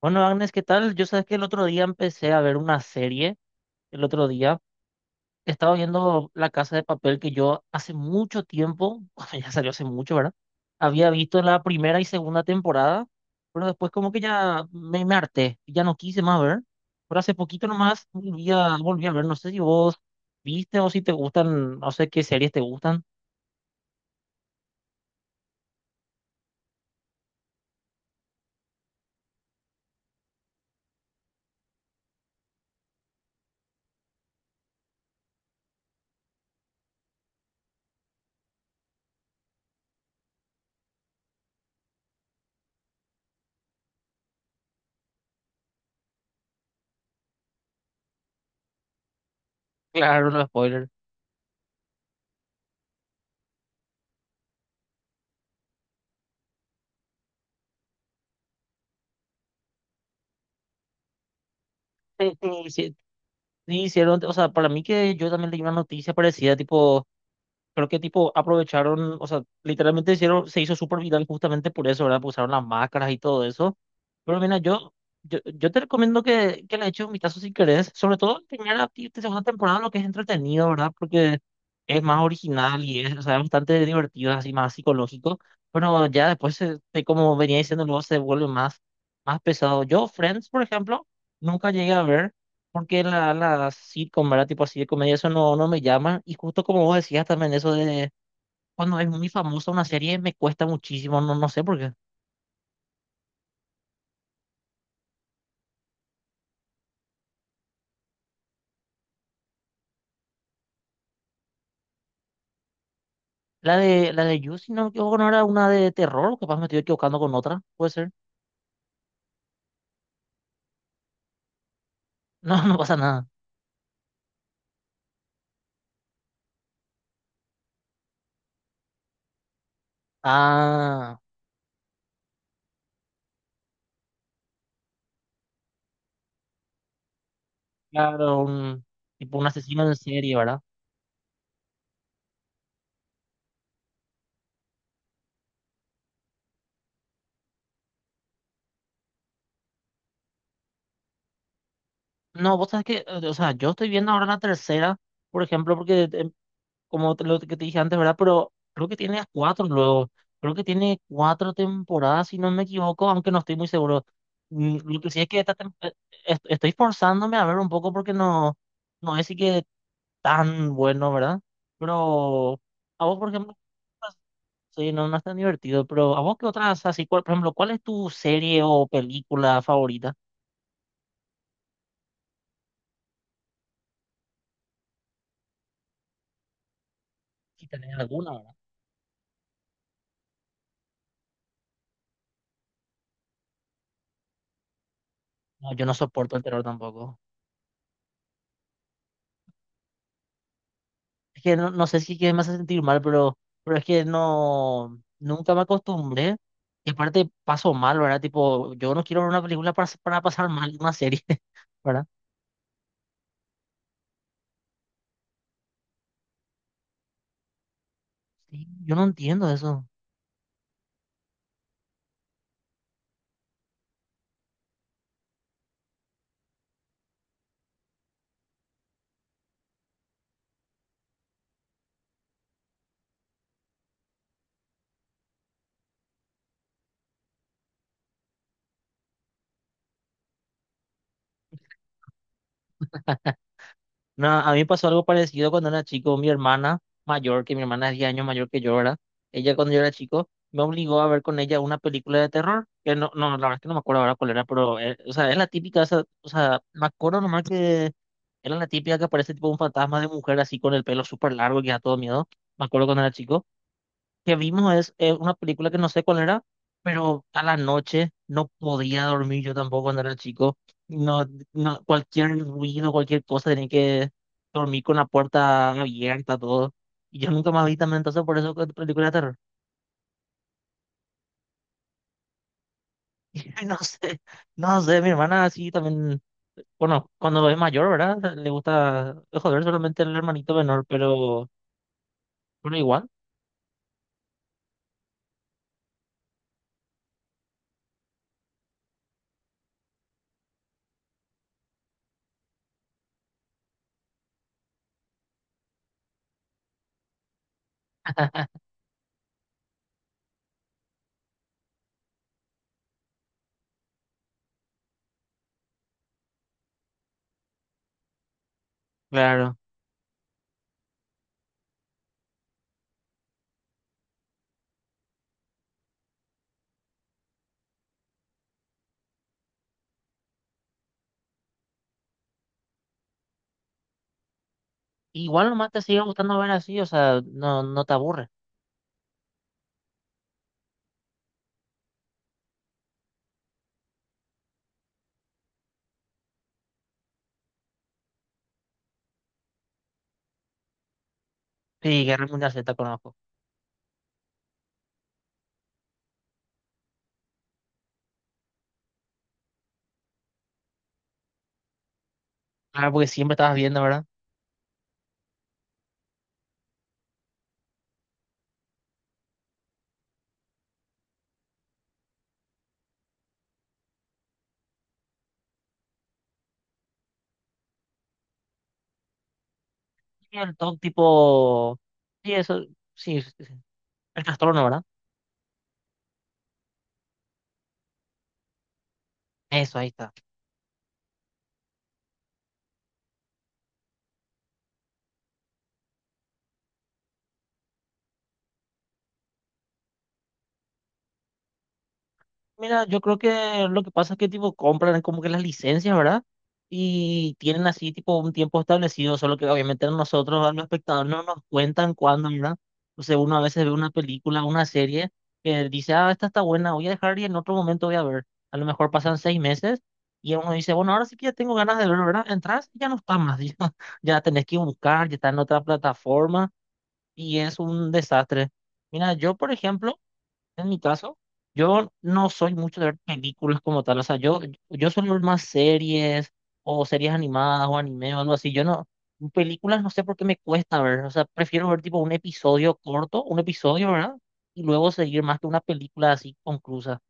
Bueno, Agnes, ¿qué tal? Yo sabes que el otro día empecé a ver una serie. El otro día estaba viendo La Casa de Papel que yo hace mucho tiempo, bueno, ya salió hace mucho, ¿verdad? Había visto la primera y segunda temporada, pero después como que ya me harté, ya no quise más ver. Pero hace poquito nomás volví a ver, no sé si vos viste o si te gustan, no sé qué series te gustan. Claro, no spoiler. Sí, sí, sí, te hicieron, o sea, para mí que yo también leí una noticia parecida, tipo, creo que tipo aprovecharon, o sea, literalmente hicieron, se hizo súper viral justamente por eso, ¿verdad? Porque usaron las máscaras y todo eso. Pero mira, yo te recomiendo que le eches un vistazo si querés, sobre todo en primera y segunda temporada, lo que es entretenido, ¿verdad? Porque es más original y es, o sea, es bastante divertido, así más psicológico. Pero ya después, como venía diciendo, luego se vuelve más, más pesado. Yo, Friends, por ejemplo, nunca llegué a ver porque la sitcom, ¿verdad? Tipo así de comedia, eso no me llama. Y justo como vos decías también, eso de cuando es muy famosa una serie, me cuesta muchísimo, no sé por qué. La de You, si no me equivoco, no era una de terror, o capaz me estoy equivocando con otra, puede ser. No, no pasa nada. Ah, claro, un, tipo un asesino en serie, ¿verdad? No, vos sabes que, o sea, yo estoy viendo ahora la tercera, por ejemplo, porque como lo que te dije antes, ¿verdad? Pero creo que tiene cuatro luego. Creo que tiene cuatro temporadas, si no me equivoco, aunque no estoy muy seguro. Lo que sí es que esta estoy forzándome a ver un poco porque no, no es así que tan bueno, ¿verdad? Pero a vos, por ejemplo, sí, no, no es tan divertido, pero a vos, ¿qué otras así? Por ejemplo, ¿cuál es tu serie o película favorita? Si tenés alguna, ¿verdad? No, yo no soporto el terror tampoco. Es que no, no sé si que me hace sentir mal, pero es que no, nunca me acostumbré. Y aparte paso mal, ¿verdad? Tipo, yo no quiero ver una película para pasar mal una serie, ¿verdad? Sí, yo no entiendo eso. No, a mí me pasó algo parecido cuando era chico. Mi hermana mayor, que mi hermana es 10 años mayor que yo, ¿verdad? Ella cuando yo era chico me obligó a ver con ella una película de terror, que no, no, la verdad es que no me acuerdo ahora cuál era, pero, o sea, es la típica, o sea, me acuerdo nomás que era la típica que aparece tipo un fantasma de mujer así con el pelo súper largo que da todo miedo. Me acuerdo cuando era chico que vimos una película que no sé cuál era, pero a la noche no podía dormir yo tampoco cuando era chico. No, no, cualquier ruido, cualquier cosa, tenía que dormir con la puerta abierta, todo. Y yo nunca más vi también, entonces por eso que película de terror. Y no sé, no sé, mi hermana así también, bueno, cuando es mayor, ¿verdad? Le gusta, joder, solamente el hermanito menor, pero igual, claro. Igual nomás te sigue gustando ver así, o sea, no, no te aburre. Sí, Guerra Mundial Z conozco. Claro, porque siempre estabas viendo, ¿verdad? Y el TOC tipo, sí, eso, sí, sí, sí, el trastorno, ¿verdad? Eso, ahí está. Mira, yo creo que lo que pasa es que tipo compran como que las licencias, ¿verdad? Y tienen así tipo un tiempo establecido, solo que obviamente a nosotros, a los espectadores, no nos cuentan cuándo, ¿verdad? Entonces uno a veces ve una película, una serie que dice, ah, esta está buena, voy a dejar y en otro momento voy a ver. A lo mejor pasan 6 meses y uno dice, bueno, ahora sí que ya tengo ganas de verlo, ¿verdad? Entras y ya no está más, ya, ya tenés que buscar, ya está en otra plataforma y es un desastre. Mira, yo por ejemplo, en mi caso, yo no soy mucho de ver películas como tal, o sea, yo suelo ver más series o series animadas o anime o algo así, yo no, películas no sé por qué me cuesta ver, o sea, prefiero ver tipo un episodio corto, un episodio, ¿verdad? Y luego seguir más que una película así conclusa.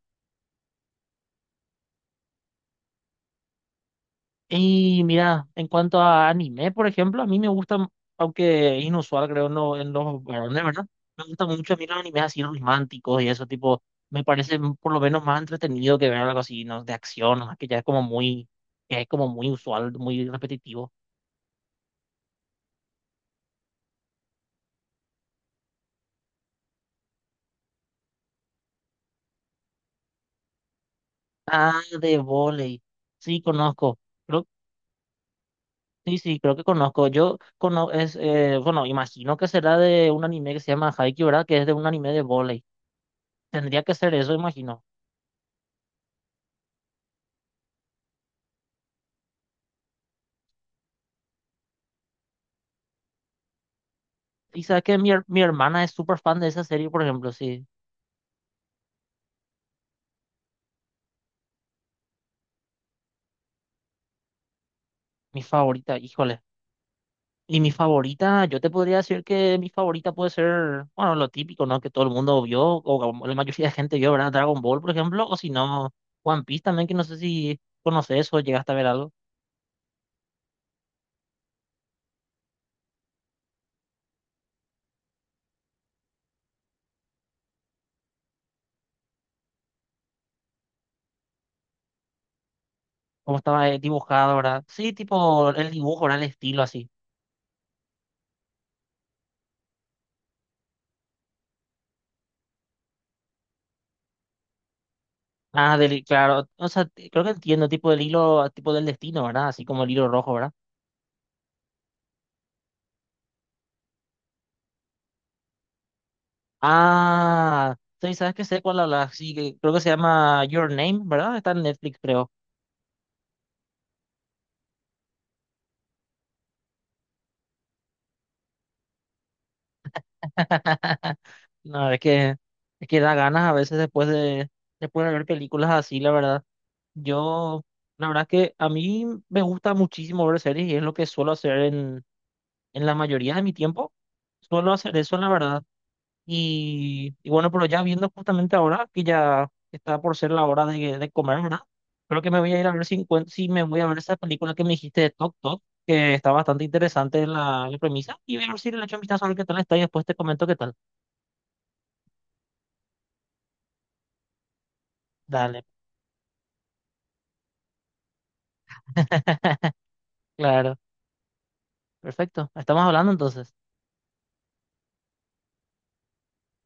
Y mira, en cuanto a anime, por ejemplo, a mí me gusta, aunque inusual creo no en los varones, ¿verdad? Me gustan mucho a mí los animes así románticos y eso, tipo, me parece por lo menos más entretenido que ver algo así, ¿no? De acción, ¿no? Que ya es como muy, que es como muy usual, muy repetitivo. Ah, de volei. Sí, conozco. Creo, sí, sí, creo que conozco. Yo conozco, es, bueno, imagino que será de un anime que se llama Haikyuu, ¿verdad? Que es de un anime de volei. Tendría que ser eso, imagino. Y sabes que mi hermana es súper fan de esa serie, por ejemplo, sí. Mi favorita, híjole. Y mi favorita, yo te podría decir que mi favorita puede ser, bueno, lo típico, ¿no? Que todo el mundo vio, o como la mayoría de gente vio, ¿verdad? Dragon Ball, por ejemplo, o si no, One Piece también, que no sé si conoces o llegaste a ver algo. Cómo estaba dibujado, ¿verdad? Sí, tipo el dibujo, ¿verdad? El estilo así. Ah, del, claro, o sea, creo que entiendo, tipo del hilo, tipo del destino, ¿verdad? Así como el hilo rojo, ¿verdad? Ah, sí, ¿sabes que sé cuál habla? Sí, que creo que se llama Your Name, ¿verdad? Está en Netflix, creo. No, es que da ganas a veces después de ver películas así, la verdad. Yo, la verdad es que a mí me gusta muchísimo ver series y es lo que suelo hacer en la mayoría de mi tiempo. Suelo hacer eso, la verdad. Y bueno, pero ya viendo justamente ahora que ya está por ser la hora de comer, ¿verdad? Creo que me voy a ir a ver si, si me voy a ver esa película que me dijiste de Tok Tok, que está bastante interesante la premisa. Y voy a ver si le echo un vistazo a ver qué tal está y después te comento qué tal. Dale, claro. Perfecto. Estamos hablando entonces.